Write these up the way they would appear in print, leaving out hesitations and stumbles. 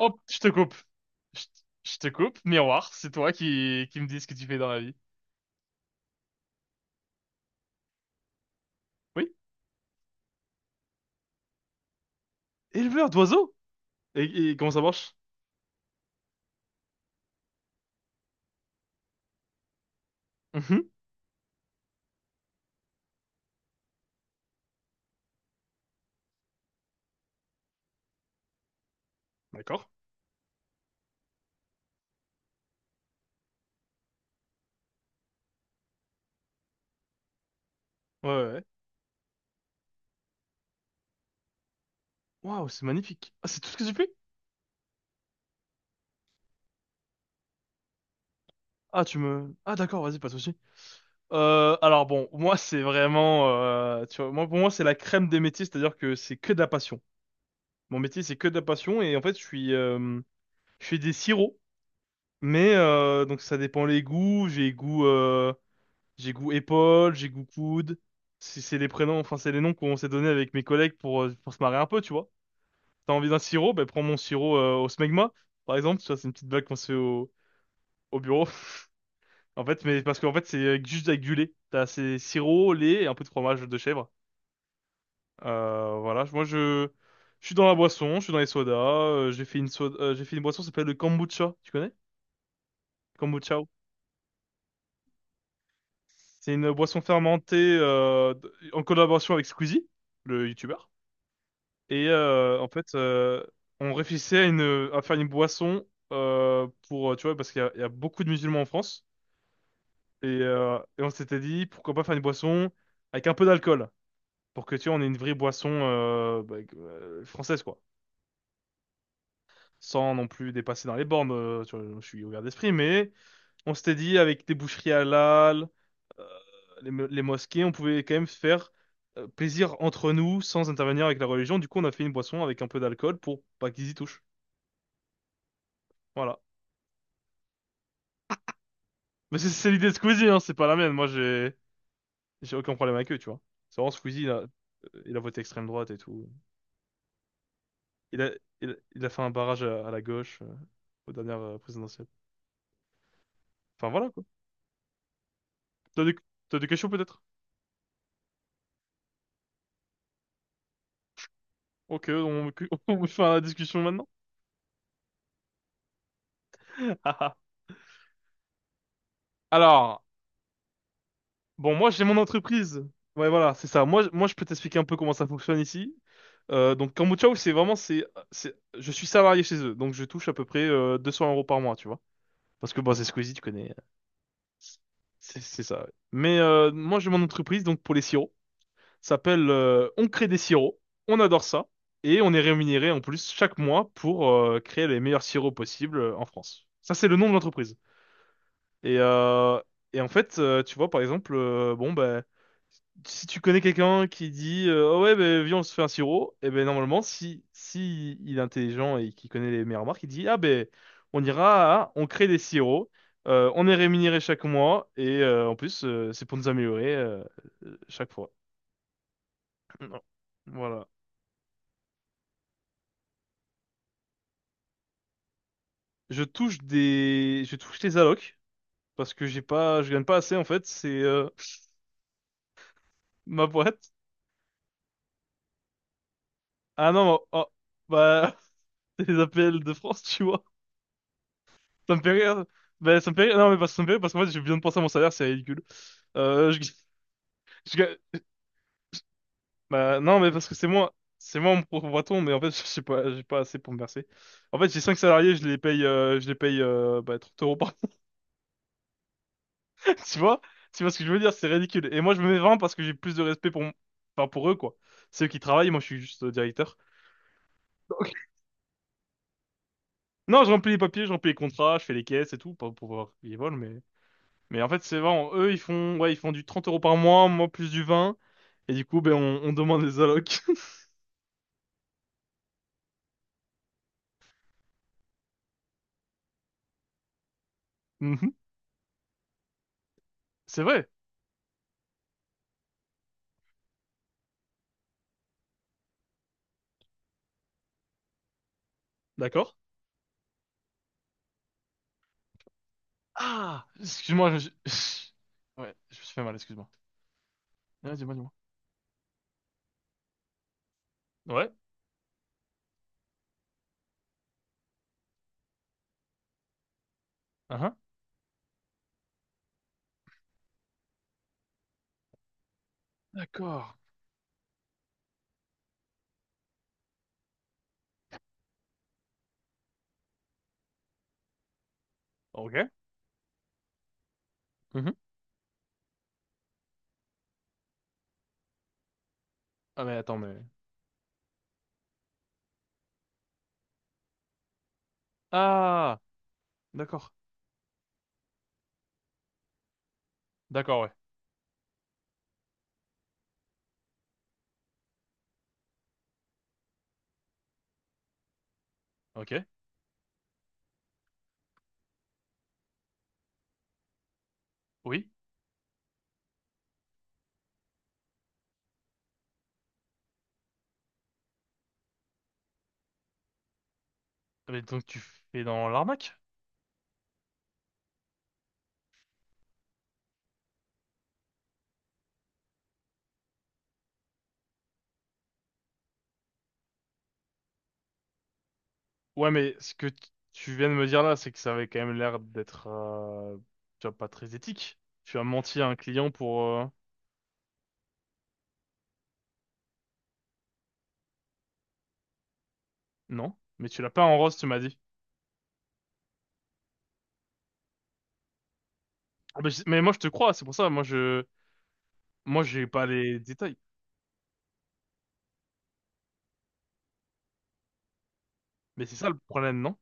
Hop, je te coupe. Je, t- je te coupe. Miroir, c'est toi qui me dis ce que tu fais dans la vie. Oui, éleveur d'oiseaux. Et comment ça marche? Mhm. D'accord. Ouais, ouais, ouais. Waouh, c'est magnifique. Ah, c'est tout ce que tu fais? Ah, tu me... Ah, d'accord, vas-y, pas de souci. Alors bon, moi, c'est vraiment... tu vois, moi, pour moi, c'est la crème des métiers, c'est-à-dire que c'est que de la passion. Mon métier, c'est que de la passion, et en fait, je suis... je fais des sirops, mais... donc, ça dépend les goûts. J'ai goût épaule, j'ai goût coude. C'est les prénoms, enfin c'est les noms qu'on s'est donnés avec mes collègues pour se marrer un peu, tu vois. T'as envie d'un sirop, ben prends mon sirop au smegma, par exemple. Tu vois, c'est une petite blague qu'on se fait au bureau. En fait, mais parce qu'en fait c'est juste avec du lait. T'as c'est sirop, lait et un peu de fromage de chèvre. Voilà, moi je suis dans la boisson, je suis dans les sodas. J'ai fait une soda, j'ai fait une boisson qui s'appelle le kombucha. Tu connais? Kombucha. C'est une boisson fermentée en collaboration avec Squeezie, le youtubeur. Et en fait, on réfléchissait à, une, à faire une boisson pour, tu vois, parce qu'il y a beaucoup de musulmans en France. Et on s'était dit, pourquoi pas faire une boisson avec un peu d'alcool, pour que, tu vois, on ait une vraie boisson bah, française, quoi. Sans non plus dépasser dans les bornes, tu vois, je suis ouvert d'esprit, mais on s'était dit, avec des boucheries halal, euh, les mosquées, on pouvait quand même se faire plaisir entre nous sans intervenir avec la religion. Du coup, on a fait une boisson avec un peu d'alcool pour pas qu'ils y touchent. Voilà. Mais c'est l'idée de Squeezie, hein, c'est pas la mienne. Moi, j'ai aucun problème avec eux, tu vois. C'est vraiment Squeezie, il a voté extrême droite et tout. Il a, il a fait un barrage à la gauche aux dernières présidentielles. Enfin, voilà, quoi. T'as des, t'as des questions, peut-être? Ok, on, on fait la discussion maintenant. Alors, bon, moi, j'ai mon entreprise. Ouais, voilà, c'est ça. Moi, je peux t'expliquer un peu comment ça fonctionne ici. Donc, Kambochaou, c'est vraiment, c'est, je suis salarié chez eux, donc je touche à peu près 200 € par mois, tu vois. Parce que, bon, c'est Squeezie, tu connais. C'est ça, ouais. Mais moi, j'ai mon entreprise donc pour les sirops. Ça s'appelle On crée des sirops. On adore ça. Et on est rémunéré en plus chaque mois pour créer les meilleurs sirops possibles en France. Ça, c'est le nom de l'entreprise. Et, euh, et en fait, tu vois, par exemple, bon, ben, si tu connais quelqu'un qui dit ah ouais, ben, viens, on se fait un sirop, et ben normalement, si il est intelligent et qu'il connaît les meilleures marques, il dit ah ben, on crée des sirops, on est rémunéré chaque mois, et en plus, c'est pour nous améliorer chaque fois. Non. Voilà. Je touche des allocs parce que j'ai pas, je gagne pas assez en fait. C'est ma boîte. Ah non, oh, oh, bah C'est les APL de France, tu vois. Ça me fait rire. Ben, ça me fait rire. Non, mais ça me fait rire parce qu'en fait, je viens de penser à mon salaire, c'est ridicule. Euh, je... je ga- Bah, non, mais parce que c'est moi. C'est moi mon propre patron, mais en fait, je sais pas, j'ai pas assez pour me verser. En fait, j'ai 5 salariés, je les paye bah, 30 € par mois, tu vois? Tu vois ce que je veux dire? C'est ridicule. Et moi, je me mets 20 parce que j'ai plus de respect enfin, pour eux, quoi. C'est eux qui travaillent, moi, je suis juste directeur. Donc, non, je remplis les papiers, je remplis les contrats, je fais les caisses et tout, pas pour voir qui vole, mais... Mais en fait, c'est vraiment, eux, ils font, ouais, ils font du 30 € par mois, moi plus du 20. Et du coup, ben, on demande les allocs. Mhm. C'est vrai, d'accord? Ah, excuse-moi, je me suis... Ouais, je me suis fait mal, excuse-moi. Ah, dis-moi, dis-moi. Ouais, ah, d'accord. Ok. Mhm. Ah, mais attends, mais... Ah, d'accord. D'accord, ouais. Ok. Oui. Ah, mais donc, tu fais dans l'arnaque? Ouais, mais ce que tu viens de me dire là, c'est que ça avait quand même l'air d'être... Tu vois, pas très éthique. Tu as menti à un client pour... Non, mais tu l'as pas en rose, tu m'as dit. Ah, mais, mais moi je te crois, c'est pour ça, moi j'ai pas les détails. Mais c'est ça le problème, non?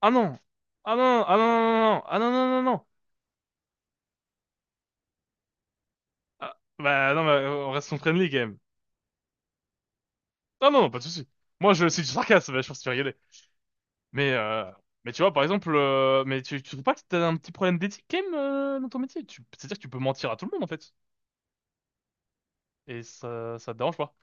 Ah non! Ah non, ah non, non, non, ah non, non, non, non. Ah, bah non, mais on reste son friendly quand même. Ah non, non, pas de souci. Moi je c'est du sarcasme, bah, je pense que tu vas rigoler. Mais euh, mais tu vois par exemple, mais tu trouves pas que t'as un petit problème d'éthique quand même dans ton métier? C'est-à-dire que tu peux mentir à tout le monde en fait, et ça te dérange pas.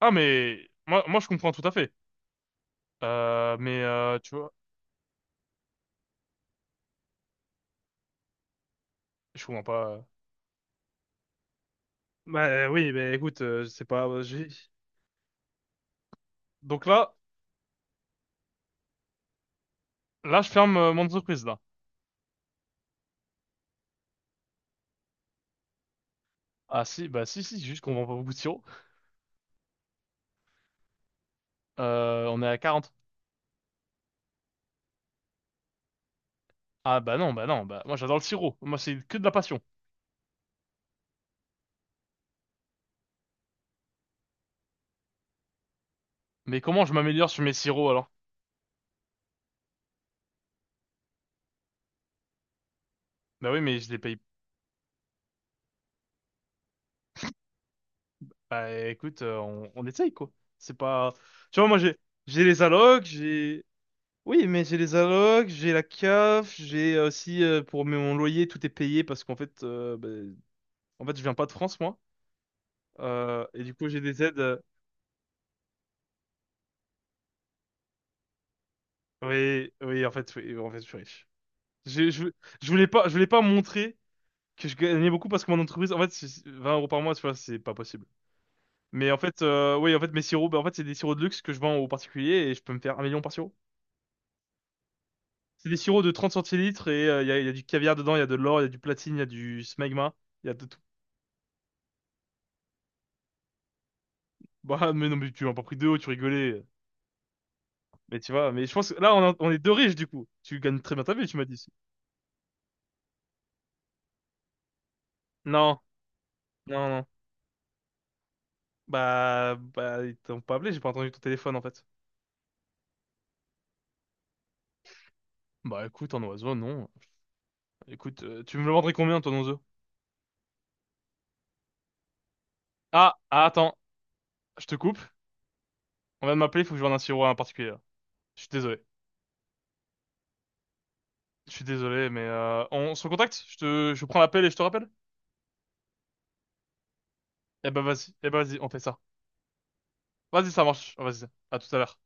Ah mais moi je comprends tout à fait. Mais tu vois, je comprends pas. Bah oui, mais écoute, c'est pas. Donc là, je ferme mon entreprise là. Ah si, bah si, si, juste qu'on vend pas beaucoup de sirop. On est à 40. Ah, bah non, bah non, bah moi j'adore le sirop. Moi c'est que de la passion. Mais comment je m'améliore sur mes sirops alors? Bah oui, mais je les paye. Bah écoute, on essaye quoi. C'est pas. Tu vois, moi j'ai les allocs, j'ai. Oui, mais j'ai les allocs, j'ai la CAF, j'ai aussi pour mon loyer tout est payé parce qu'en fait, bah, en fait je viens pas de France moi. Et du coup j'ai des aides. Oui, oui, en fait, je suis riche. Je, je, je voulais pas montrer que je gagnais beaucoup parce que mon entreprise, en fait, c'est 20 € par mois, tu vois, c'est pas possible. Mais en fait, oui, en fait, mes sirops, bah, en fait, c'est des sirops de luxe que je vends aux particuliers et je peux me faire 1 million par sirop. C'est des sirops de 30 centilitres et il y a du caviar dedans, il y a de l'or, il y a du platine, il y a du smegma, il y a de tout. Bah, mais non, mais tu m'as pas pris deux hauts, tu rigolais. Mais tu vois, mais je pense que là, on est deux riches, du coup. Tu gagnes très bien ta vie, tu m'as dit. Non, non, non. Bah, ils t'ont pas appelé, j'ai pas entendu ton téléphone, en fait. Bah écoute, en oiseau, non. Écoute, tu me le vendrais combien ton oiseau? Ah, ah, attends, je te coupe. On vient de m'appeler, il faut que je vende un sirop à un particulier là. Je suis désolé. Je suis désolé, mais on se contacte? Je prends l'appel et je te rappelle? Eh ben vas-y, on fait ça. Vas-y, ça marche. Vas-y, à tout à l'heure.